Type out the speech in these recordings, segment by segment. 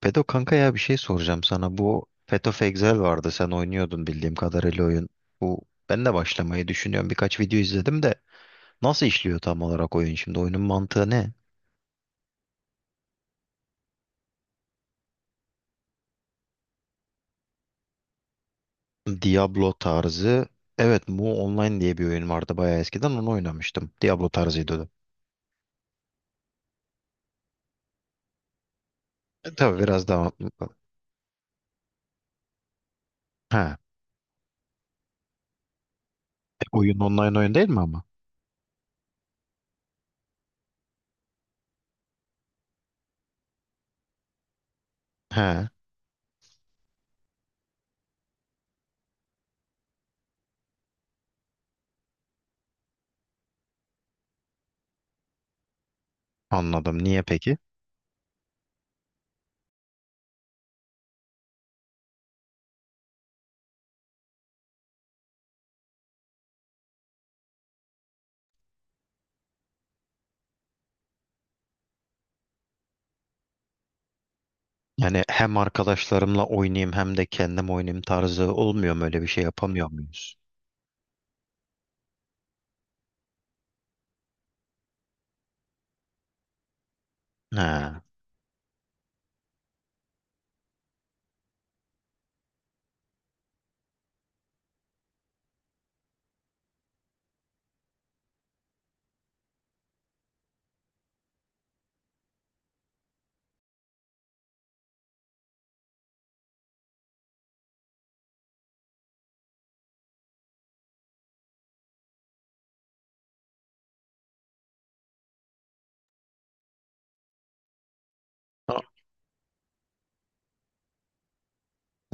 Pedo kanka ya bir şey soracağım sana. Bu Path of Exile vardı. Sen oynuyordun bildiğim kadarıyla oyun. Bu Ben de başlamayı düşünüyorum. Birkaç video izledim de nasıl işliyor tam olarak oyun şimdi? Oyunun mantığı ne? Diablo tarzı. Evet, Mu Online diye bir oyun vardı bayağı eskiden. Onu oynamıştım. Diablo tarzıydı o da. Tabii biraz daha Ha, oyun online oyun değil mi ama? He, anladım. Niye peki? Yani hem arkadaşlarımla oynayayım hem de kendim oynayayım tarzı olmuyor mu, öyle bir şey yapamıyor muyuz? He.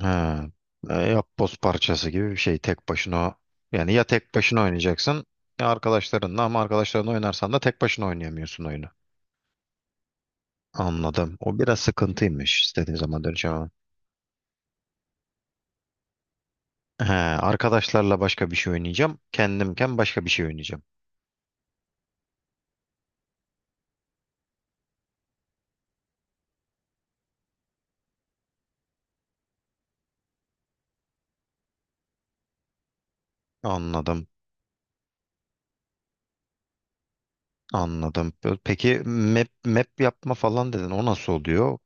Ha, Yapboz parçası gibi bir şey tek başına, yani ya tek başına oynayacaksın ya arkadaşlarınla, ama arkadaşlarınla oynarsan da tek başına oynayamıyorsun oyunu. Anladım. O biraz sıkıntıymış. İstediğin zaman döneceğim ama. He, arkadaşlarla başka bir şey oynayacağım. Kendimken başka bir şey oynayacağım. Anladım. Anladım. Peki map yapma falan dedin. O nasıl oluyor?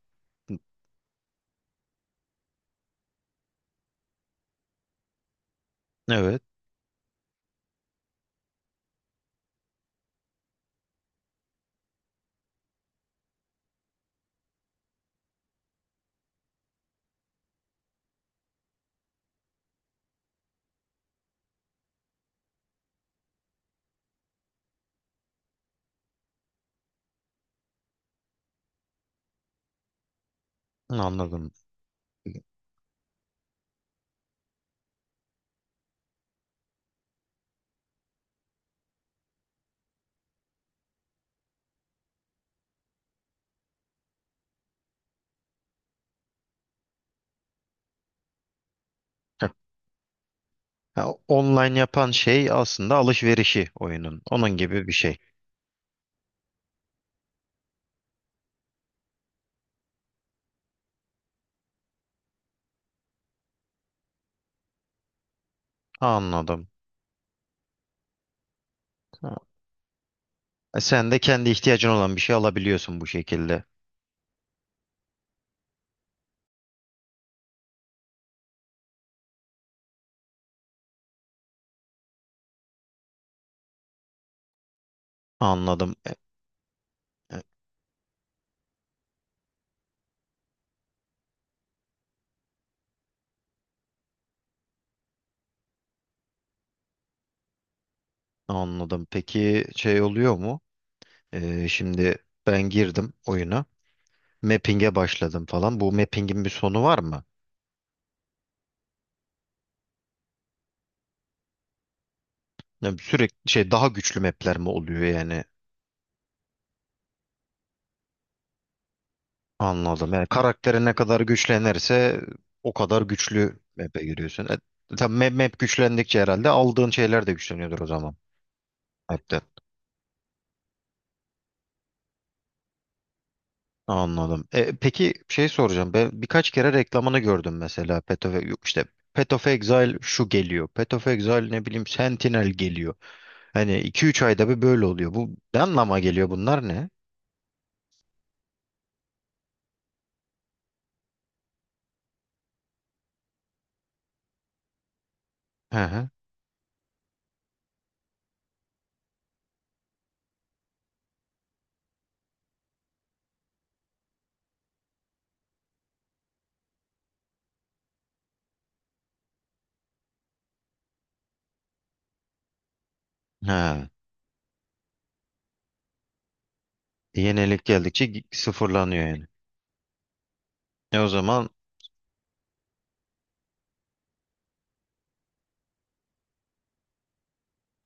Evet. Anladım. Dedi. Heh. Ha, online yapan şey aslında alışverişi oyunun. Onun gibi bir şey. Anladım. Ha. Sen de kendi ihtiyacın olan bir şey alabiliyorsun bu şekilde. Anladım. E, Anladım. Peki şey oluyor mu? Şimdi ben girdim oyuna. Mapping'e başladım falan. Bu mapping'in bir sonu var mı? Yani sürekli şey, daha güçlü map'ler mi oluyor yani? Anladım. Yani karakteri ne kadar güçlenirse o kadar güçlü map'e giriyorsun. Tabii map güçlendikçe herhalde aldığın şeyler de güçleniyordur o zaman. Map'te. Anladım. Peki şey soracağım. Ben birkaç kere reklamını gördüm mesela. Path of, yok işte Path of Exile şu geliyor. Path of Exile ne bileyim Sentinel geliyor. Hani iki üç ayda bir böyle oluyor. Bu ne anlama geliyor, bunlar ne? Hı hı. Ha. Yenilik geldikçe gi- sıfırlanıyor yani. E o zaman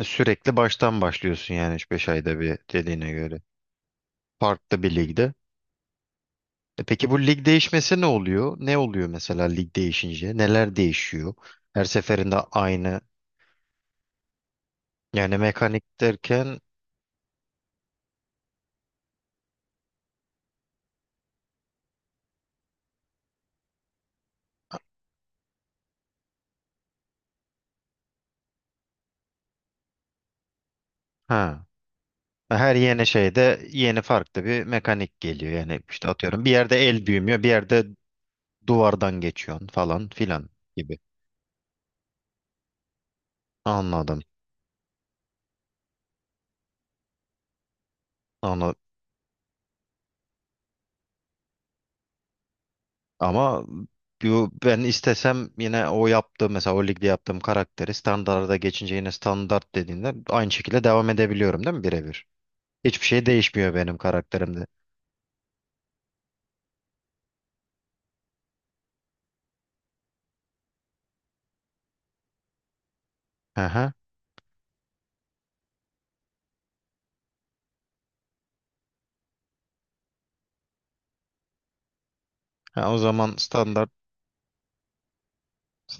sürekli baştan başlıyorsun yani üç beş ayda bir dediğine göre. Farklı bir ligde. E peki bu lig değişmesi ne oluyor? Ne oluyor mesela lig değişince? Neler değişiyor? Her seferinde aynı, yani mekanik derken, ha her yeni şeyde yeni farklı bir mekanik geliyor. Yani işte atıyorum bir yerde el büyümüyor, bir yerde duvardan geçiyorsun falan filan gibi. Anladım. Anladım. Ama bu- ben istesem yine o yaptığım mesela o ligde yaptığım karakteri standarda geçince yine standart dediğinde aynı şekilde devam edebiliyorum değil mi birebir? Hiçbir şey değişmiyor benim karakterimde. Hı. Ha, o zaman standart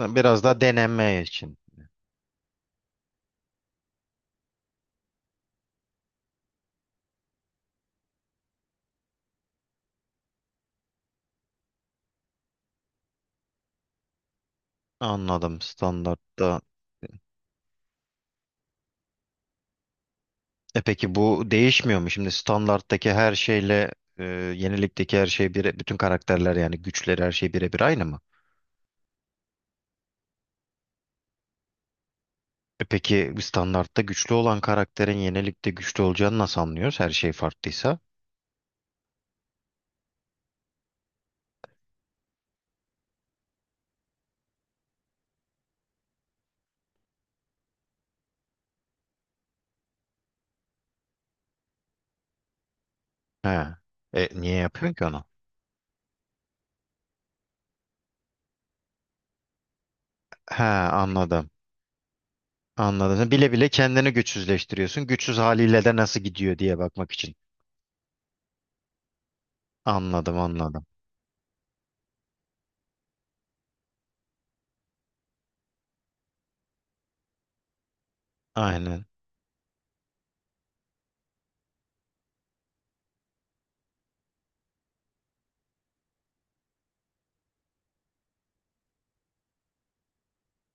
biraz daha deneme için. Anladım, standartta. E peki bu değişmiyor mu? Şimdi standarttaki her şeyle yenilikteki her şey bire, bütün karakterler yani güçleri her şey birebir aynı mı? E peki standartta güçlü olan karakterin yenilikte güçlü olacağını nasıl anlıyoruz? Her şey farklıysa. He. E niye yapıyorsun ki onu? He, anladım. Anladım. Sen bile bile kendini güçsüzleştiriyorsun. Güçsüz haliyle de nasıl gidiyor diye bakmak için. Anladım, anladım. Aynen.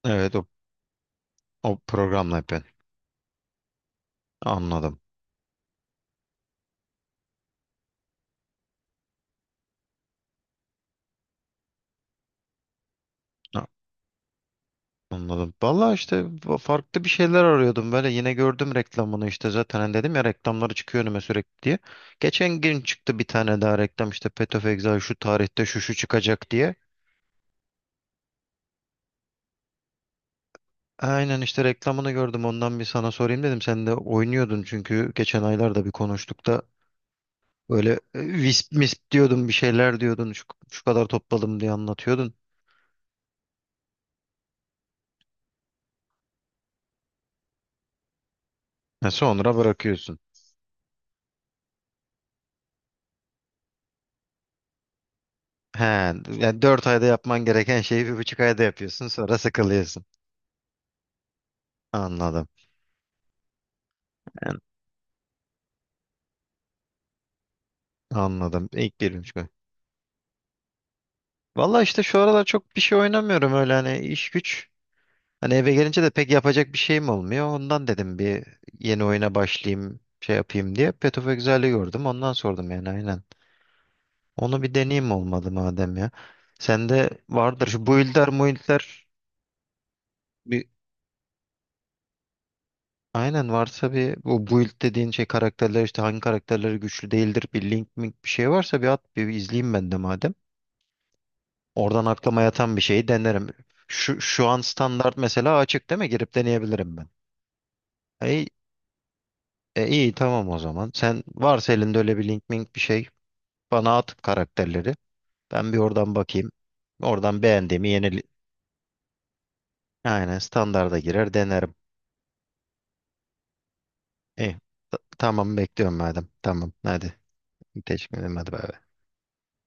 Evet o, O programla yapıyorsun. Anladım. Anladım. Vallahi işte fa- farklı bir şeyler arıyordum, böyle yine gördüm reklamını işte, zaten hani dedim ya reklamları çıkıyor önüme sürekli diye. Geçen gün çıktı bir tane daha reklam işte, Path of Exile şu tarihte şu şu çıkacak diye. Aynen işte reklamını gördüm, ondan bir sana sorayım dedim, sen de oynuyordun çünkü geçen aylarda bir konuştuk da böyle, wisp misp diyordun bir şeyler diyordun, şu kadar topladım diye anlatıyordun. Ha, sonra bırakıyorsun. He, yani 4 ayda yapman gereken şeyi bir buçuk ayda yapıyorsun, sonra sıkılıyorsun. Anladım. Anladım. İlk birinci koy. Valla işte şu aralar çok bir şey oynamıyorum öyle, hani iş güç. Hani eve gelince de pek yapacak bir şeyim olmuyor. Ondan dedim bir yeni oyuna başlayayım şey yapayım diye. Path of Exile'i gördüm. Ondan sordum yani, aynen. Onu bir deneyeyim olmadı madem ya. Sende vardır şu build'ler muild'ler, bir aynen varsa bir bu build dediğin şey karakterler işte hangi karakterleri güçlü değildir, bir link mink bir şey varsa bir at bir izleyeyim ben de madem. Oradan aklıma yatan bir şeyi denerim. Şu an standart mesela açık değil mi? Girip deneyebilirim ben. E, iyi tamam o zaman. Sen varsa elinde öyle bir link mink bir şey bana at karakterleri. Ben bir oradan bakayım. Oradan beğendiğimi yeni, aynen standarda girer denerim. İyi. T- tamam bekliyorum madem. Tamam hadi. Teşekkür ederim, hadi bay bay.